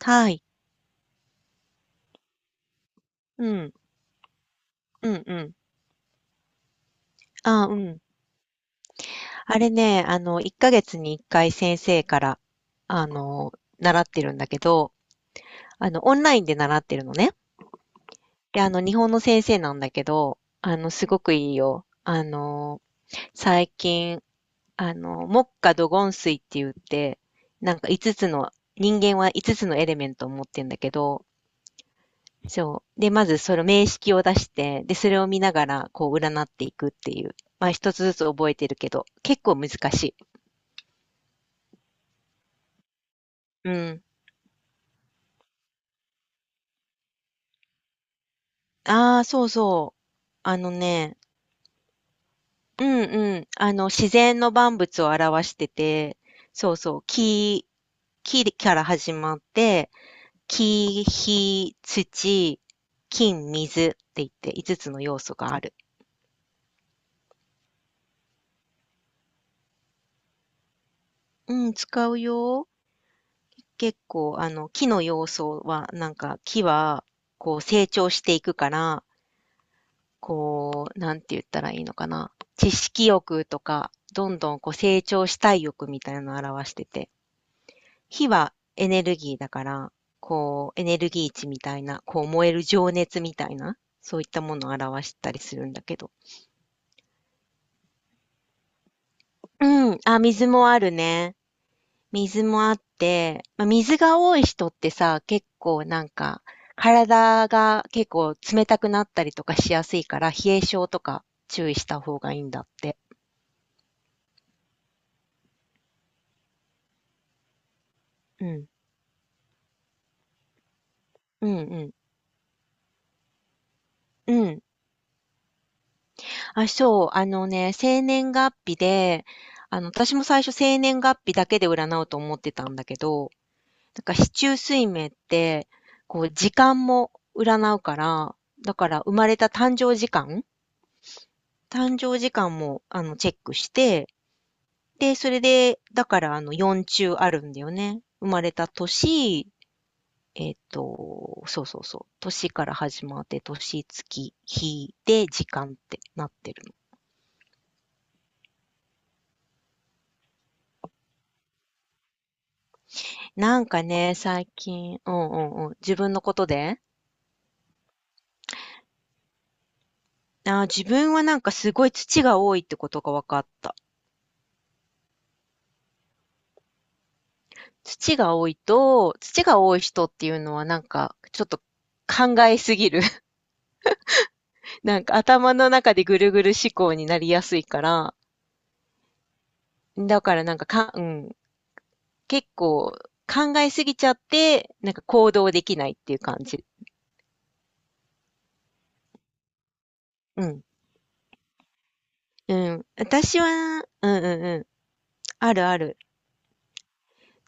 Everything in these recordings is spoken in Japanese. はい。うん。うんうん。ああ、うん。あれね、1ヶ月に1回先生から、あの、習ってるんだけど、オンラインで習ってるのね。で、日本の先生なんだけど、すごくいいよ。最近、木火土金水って言って、なんか5つの、人間は5つのエレメントを持ってんだけど、そう。で、まずその名式を出して、で、それを見ながら、こう、占っていくっていう。まあ、一つずつ覚えてるけど、結構難しい。うん。ああ、そうそう。あのね、うんうん。自然の万物を表してて、そうそう。木から始まって、木、火、土、金、水って言って、5つの要素がある。うん、使うよ。結構、木の要素は、なんか、木は、こう、成長していくから、こう、なんて言ったらいいのかな。知識欲とか、どんどんこう成長したい欲みたいなのを表してて、火はエネルギーだから、こう、エネルギー値みたいな、こう、燃える情熱みたいな、そういったものを表したりするんだけど。うん、あ、水もあるね。水もあって、まあ、水が多い人ってさ、結構なんか、体が結構冷たくなったりとかしやすいから、冷え性とか注意した方がいいんだって。うん。うんうん。うん。あ、そう。あのね、生年月日で、私も最初生年月日だけで占うと思ってたんだけど、なんか四柱推命って、こう、時間も占うから、だから生まれた誕生時間も、チェックして、で、それで、だからあの4中あるんだよね。生まれた年、そうそうそう。年から始まって、年、月、日で時間ってなってるの。なんかね、最近、うんうんうん。自分のことで自分はなんかすごい土が多いってことが分かった。土が多い人っていうのはなんか、ちょっと考えすぎる。なんか頭の中でぐるぐる思考になりやすいから、だからなんかか、うん、結構考えすぎちゃって、なんか行動できないっていう感じ。うん。うん。私は、うんうんうん。あるある。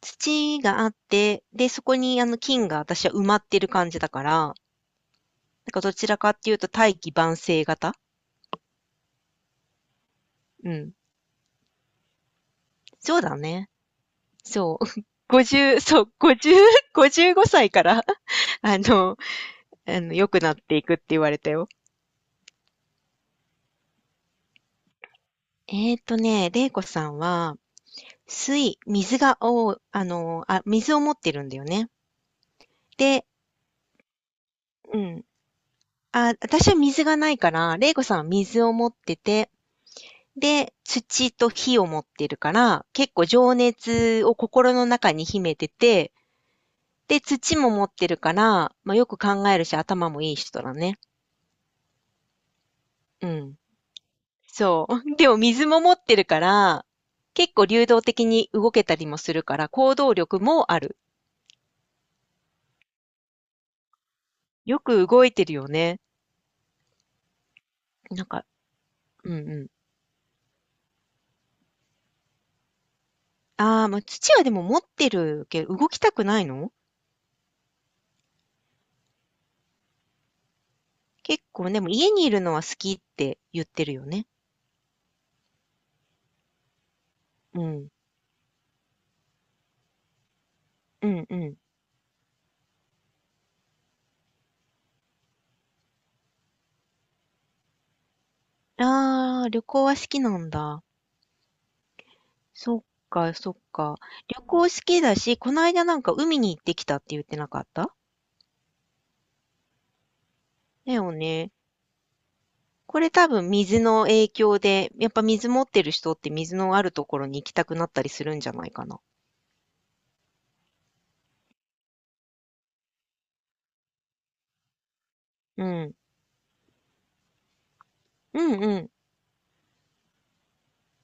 土があって、で、そこにあの菌が私は埋まってる感じだから、なんかどちらかっていうと大器晩成型。うん。そうだね。そう。50、そう、50、5歳から あの、良くなっていくって言われたよ。玲子さんは、水、水が、お、あの、あ、水を持ってるんだよね。で、うん。あ、私は水がないから、レイコさんは水を持ってて、で、土と火を持ってるから、結構情熱を心の中に秘めてて、で、土も持ってるから、まあ、よく考えるし、頭もいい人だね。うん。そう。でも水も持ってるから、結構流動的に動けたりもするから、行動力もある。よく動いてるよね。なんか、うんうん。ああ、まあ、土はでも持ってるけど、動きたくないの？結構でも家にいるのは好きって言ってるよね。うん。うんうん。ああ、旅行は好きなんだ。そっかそっか。旅行好きだし、この間なんか海に行ってきたって言ってなかった？だよね。これ多分水の影響で、やっぱ水持ってる人って水のあるところに行きたくなったりするんじゃないかな。うん。うんうん。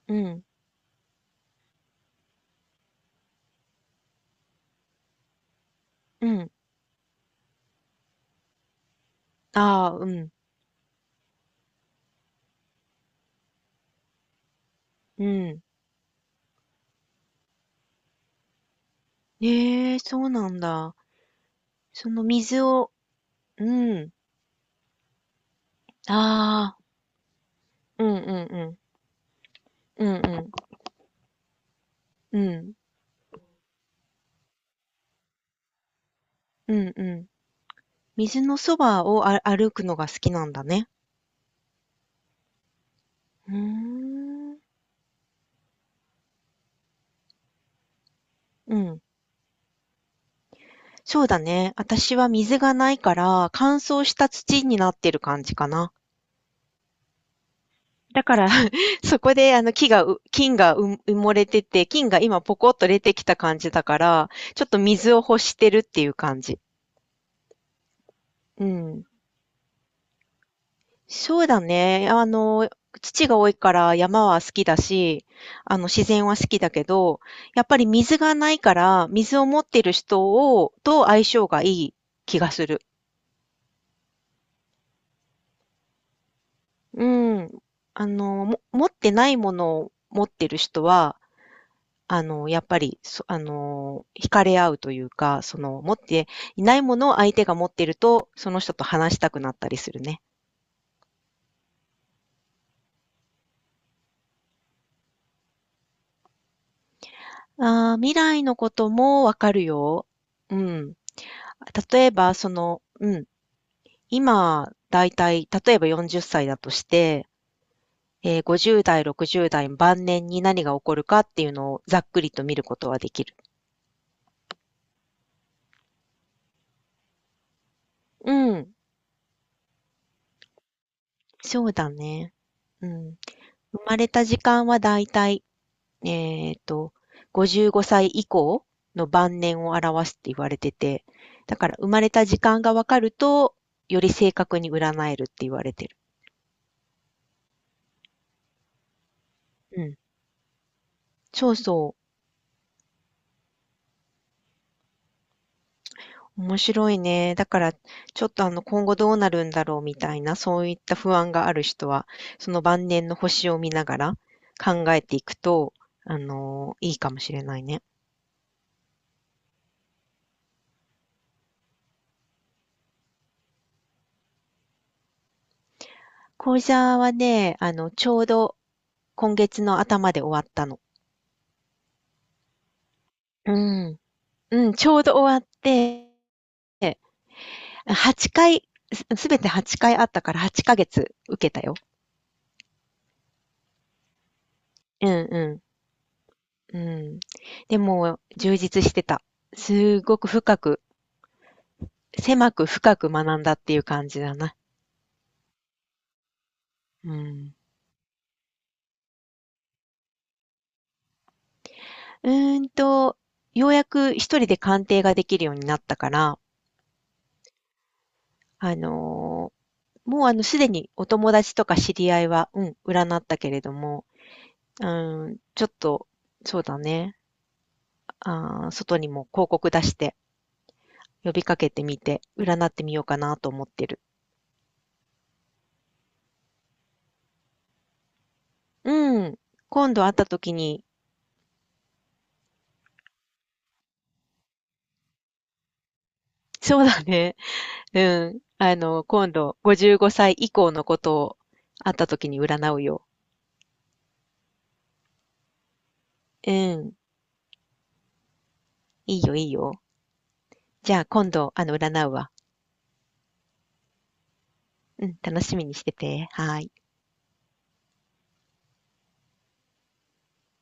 うん。うん。ああ、うん。うん。ええ、そうなんだ。その水を、うん。ああ、うんうんうん。うんうん。うん。うんうん。水のそばを歩くのが好きなんだね。うーん。うん。そうだね。私は水がないから、乾燥した土になってる感じかな。だから そこで、木がう、菌がう埋もれてて、菌が今ポコッと出てきた感じだから、ちょっと水を欲してるっていう感じ。うん。そうだね。土が多いから山は好きだし、自然は好きだけど、やっぱり水がないから、水を持ってる人を、と相性がいい気がする。うん。持ってないものを持ってる人は、やっぱり、そあの、惹かれ合うというか、その、持っていないものを相手が持ってると、その人と話したくなったりするね。ああ、未来のこともわかるよ。うん。例えば、その、うん、今、だいたい、例えば40歳だとして、50代、60代晩年に何が起こるかっていうのをざっくりと見ることはできる。うん、そうだね。うん。生まれた時間はだいたい、えっと、55歳以降の晩年を表すって言われてて、だから生まれた時間がわかると、より正確に占えるって言われてる。うん。そうそう。面白いね。だから、ちょっと今後どうなるんだろうみたいな、そういった不安がある人は、その晩年の星を見ながら考えていくと、いいかもしれないね。講座はね、ちょうど今月の頭で終わったの。うん。うん、ちょうど終わって、8回、すべて8回あったから8ヶ月受けたよ。うん、うん、うん。でも、充実してた。すごく深く狭く深く学んだっていう感じだな。うん。うーんと、ようやく一人で鑑定ができるようになったから、あの、もうすでにお友達とか知り合いは、うん、占ったけれども、うん、ちょっと、そうだね、外にも広告出して呼びかけてみて、占ってみようかなと思ってる。うん。今度会った時に、そうだね。うん。今度55歳以降のことを会った時に占うよ。うん。いいよ、いいよ。じゃあ今度、占うわ。うん、楽しみにしてて。はーい。